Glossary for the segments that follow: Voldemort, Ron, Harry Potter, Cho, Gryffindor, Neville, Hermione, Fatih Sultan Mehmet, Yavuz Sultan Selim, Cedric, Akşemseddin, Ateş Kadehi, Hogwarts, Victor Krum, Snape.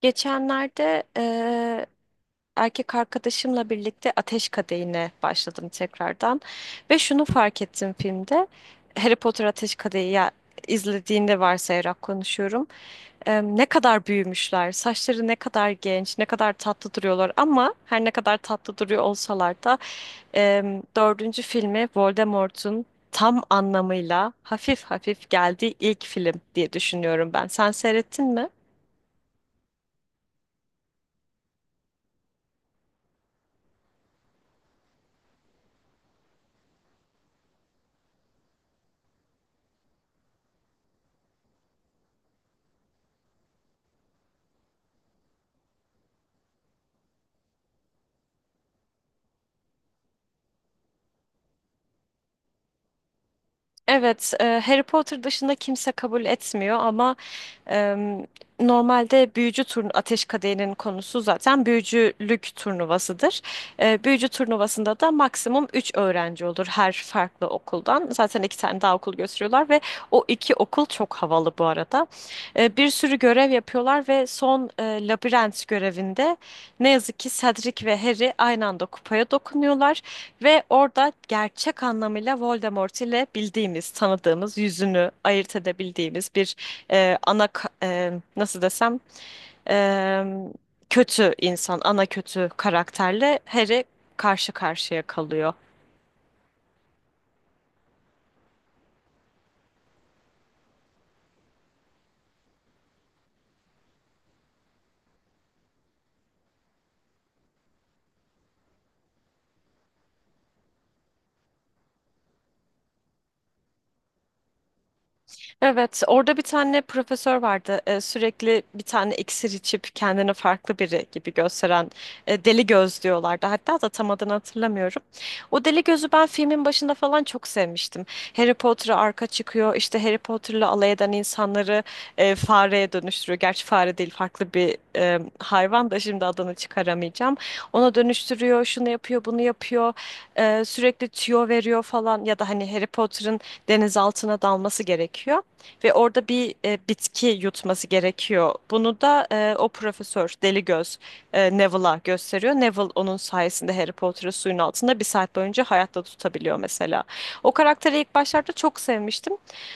Geçenlerde erkek arkadaşımla birlikte Ateş Kadehi'ne başladım tekrardan ve şunu fark ettim filmde. Harry Potter Ateş Kadehi ya, izlediğinde varsayarak konuşuyorum. Ne kadar büyümüşler, saçları ne kadar genç, ne kadar tatlı duruyorlar ama her ne kadar tatlı duruyor olsalar da dördüncü filmi Voldemort'un tam anlamıyla hafif hafif geldiği ilk film diye düşünüyorum ben. Sen seyrettin mi? Evet, Harry Potter dışında kimse kabul etmiyor ama em, normalde büyücü turnu Ateş Kadehi'nin konusu zaten büyücülük turnuvasıdır. Büyücü turnuvasında da maksimum 3 öğrenci olur her farklı okuldan. Zaten iki tane daha okul gösteriyorlar ve o iki okul çok havalı bu arada. Bir sürü görev yapıyorlar ve son labirent görevinde ne yazık ki Cedric ve Harry aynı anda kupaya dokunuyorlar. Ve orada gerçek anlamıyla Voldemort ile bildiğimiz, tanıdığımız, yüzünü ayırt edebildiğimiz bir nasıl desem e, kötü insan, ana kötü karakterle Harry karşı karşıya kalıyor. Evet, orada bir tane profesör vardı. Sürekli bir tane iksir içip kendini farklı biri gibi gösteren deli göz diyorlardı. Hatta da tam adını hatırlamıyorum. O deli gözü ben filmin başında falan çok sevmiştim. Harry Potter'a arka çıkıyor. İşte Harry Potter'la alay eden insanları fareye dönüştürüyor. Gerçi fare değil, farklı bir hayvan da şimdi adını çıkaramayacağım. Ona dönüştürüyor, şunu yapıyor, bunu yapıyor. Sürekli tüyo veriyor falan ya da hani Harry Potter'ın deniz altına dalması gerekiyor. Ve orada bir bitki yutması gerekiyor. Bunu da o profesör Deli Göz Neville'a gösteriyor. Neville onun sayesinde Harry Potter'ı suyun altında bir saat boyunca hayatta tutabiliyor mesela. O karakteri ilk başlarda çok sevmiştim.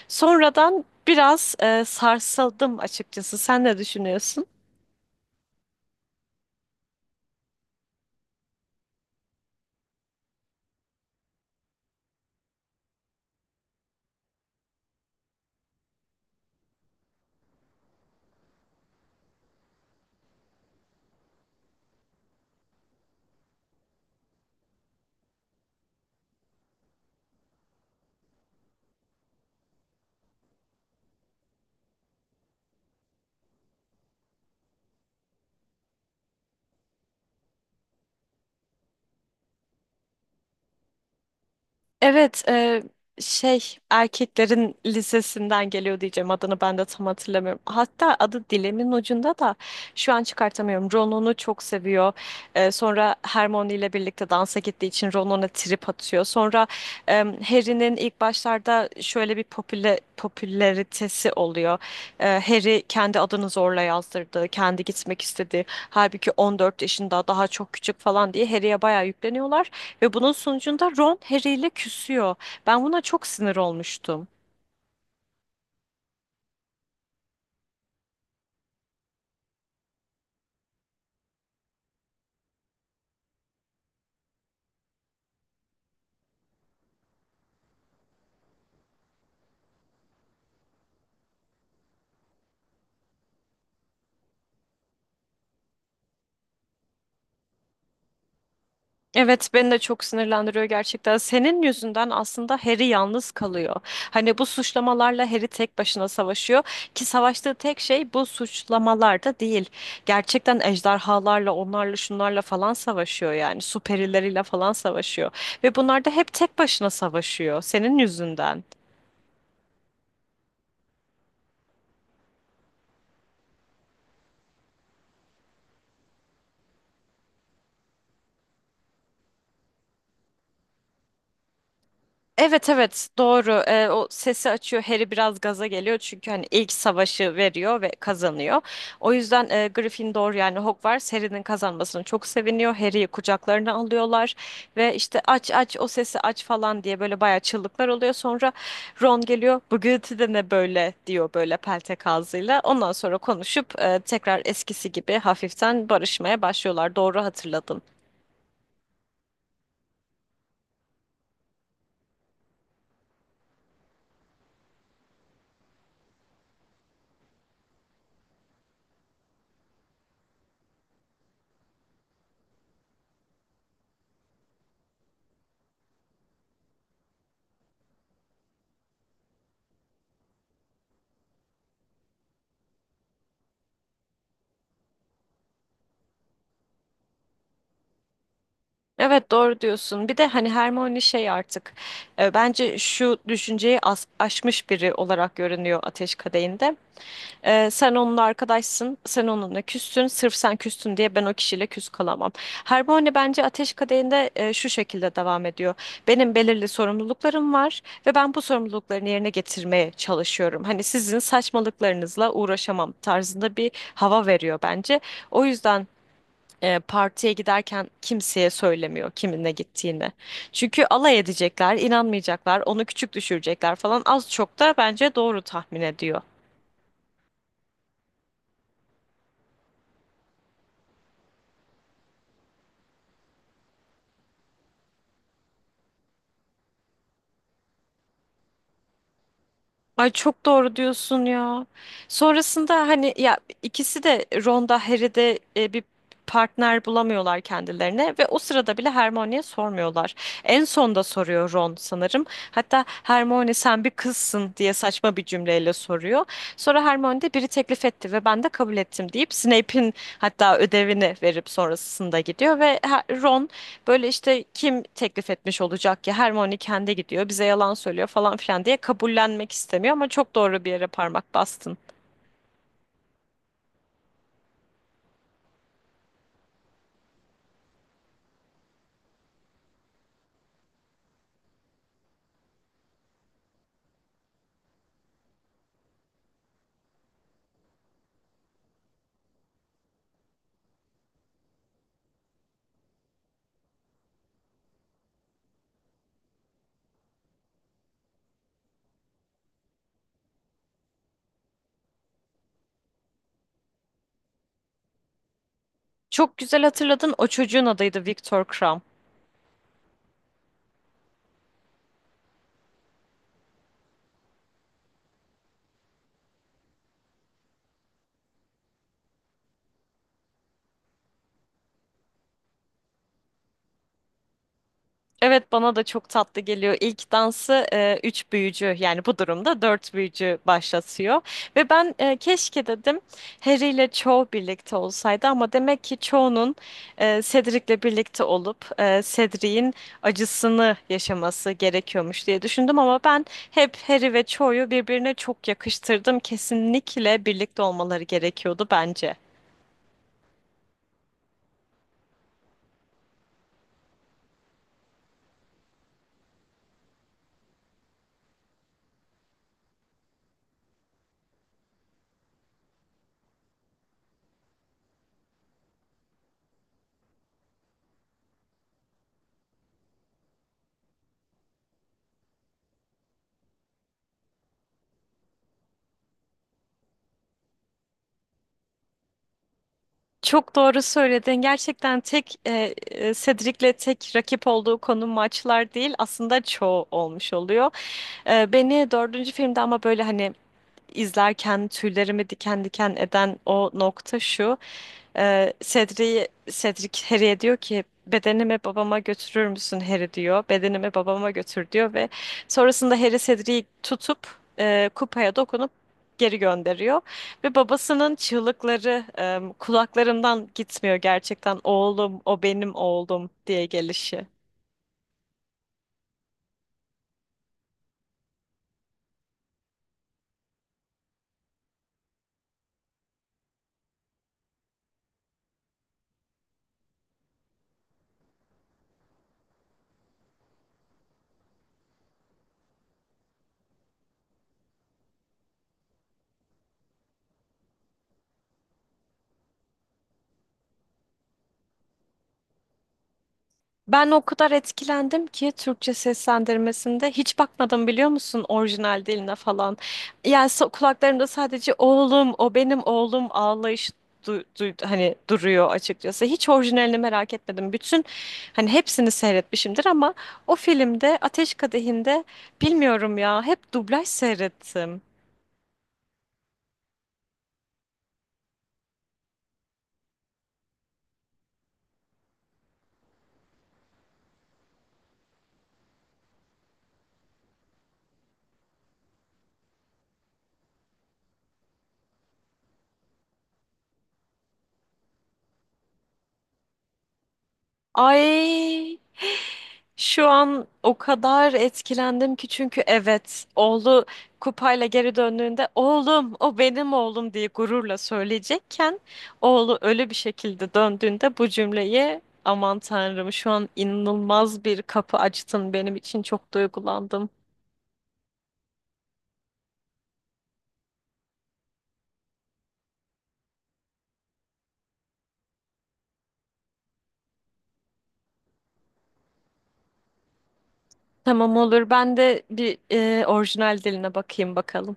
Sonradan biraz sarsıldım açıkçası. Sen ne düşünüyorsun? Evet, şey erkeklerin lisesinden geliyor diyeceğim adını ben de tam hatırlamıyorum. Hatta adı dilimin ucunda da şu an çıkartamıyorum. Ron çok seviyor. Sonra Hermione ile birlikte dansa gittiği için Ron ona trip atıyor. Sonra e, Harry'nin ilk başlarda şöyle bir popülaritesi oluyor. Harry kendi adını zorla yazdırdı. Kendi gitmek istedi. Halbuki 14 yaşında daha çok küçük falan diye Harry'ye bayağı yükleniyorlar. Ve bunun sonucunda Ron Harry ile küsüyor. Ben buna çok sinir olmuştum. Evet, beni de çok sinirlendiriyor gerçekten. Senin yüzünden aslında Harry yalnız kalıyor. Hani bu suçlamalarla Harry tek başına savaşıyor ki savaştığı tek şey bu suçlamalarda değil. Gerçekten ejderhalarla, onlarla, şunlarla falan savaşıyor yani. Süperileriyle falan savaşıyor ve bunlar da hep tek başına savaşıyor senin yüzünden. Evet evet, doğru. O sesi açıyor. Harry biraz gaza geliyor çünkü hani ilk savaşı veriyor ve kazanıyor. O yüzden Gryffindor yani Hogwarts Harry'nin kazanmasına çok seviniyor. Harry'yi kucaklarına alıyorlar ve işte aç aç o sesi aç falan diye böyle bayağı çığlıklar oluyor. Sonra Ron geliyor. Bu gürültü de ne böyle diyor böyle peltek ağzıyla. Ondan sonra konuşup tekrar eskisi gibi hafiften barışmaya başlıyorlar. Doğru hatırladın. Evet, doğru diyorsun. Bir de hani Hermione şey artık bence şu düşünceyi aşmış biri olarak görünüyor Ateş Kadehi'nde. Sen onunla arkadaşsın, sen onunla küstün, sırf sen küstün diye ben o kişiyle küs kalamam. Hermione bence Ateş Kadehi'nde şu şekilde devam ediyor. Benim belirli sorumluluklarım var ve ben bu sorumluluklarını yerine getirmeye çalışıyorum. Hani sizin saçmalıklarınızla uğraşamam tarzında bir hava veriyor bence. O yüzden partiye giderken kimseye söylemiyor kiminle gittiğini. Çünkü alay edecekler, inanmayacaklar, onu küçük düşürecekler falan az çok da bence doğru tahmin ediyor. Ay, çok doğru diyorsun ya. Sonrasında hani ya ikisi de Ron'da Harry'de bir partner bulamıyorlar kendilerine ve o sırada bile Hermione'ye sormuyorlar. En son da soruyor Ron sanırım. Hatta Hermione sen bir kızsın diye saçma bir cümleyle soruyor. Sonra Hermione de biri teklif etti ve ben de kabul ettim deyip Snape'in hatta ödevini verip sonrasında gidiyor ve Ron böyle işte kim teklif etmiş olacak ki Hermione kendi gidiyor bize yalan söylüyor falan filan diye kabullenmek istemiyor ama çok doğru bir yere parmak bastın. Çok güzel hatırladın, o çocuğun adıydı Victor Krum. Evet, bana da çok tatlı geliyor. İlk dansı üç büyücü yani bu durumda dört büyücü başlatıyor. Ve ben keşke dedim Harry ile Cho birlikte olsaydı ama demek ki Cho'nun Cedric'le birlikte olup Cedric'in acısını yaşaması gerekiyormuş diye düşündüm ama ben hep Harry ve Cho'yu birbirine çok yakıştırdım. Kesinlikle birlikte olmaları gerekiyordu bence. Çok doğru söyledin. Gerçekten tek Cedric'le tek rakip olduğu konu maçlar değil, aslında çoğu olmuş oluyor. Beni dördüncü filmde ama böyle hani izlerken tüylerimi diken diken eden o nokta şu. Cedric Harry'e diyor ki bedenimi babama götürür müsün Harry diyor. Bedenimi babama götür diyor ve sonrasında Harry Cedric'i tutup kupaya dokunup geri gönderiyor. Ve babasının çığlıkları kulaklarımdan gitmiyor gerçekten, oğlum o benim oğlum diye gelişi. Ben o kadar etkilendim ki Türkçe seslendirmesinde hiç bakmadım biliyor musun orijinal diline falan. Yani kulaklarımda sadece oğlum o benim oğlum ağlayışı hani duruyor açıkçası. Hiç orijinalini merak etmedim. Bütün hani hepsini seyretmişimdir ama o filmde Ateş Kadehi'nde bilmiyorum ya hep dublaj seyrettim. Ay, şu an o kadar etkilendim ki çünkü evet, oğlu kupayla geri döndüğünde oğlum o benim oğlum diye gururla söyleyecekken oğlu ölü bir şekilde döndüğünde bu cümleyi, aman tanrım, şu an inanılmaz bir kapı açtın benim için, çok duygulandım. Tamam, olur, ben de bir orijinal diline bakayım bakalım.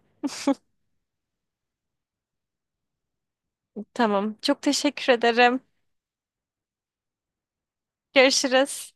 Tamam, çok teşekkür ederim. Görüşürüz.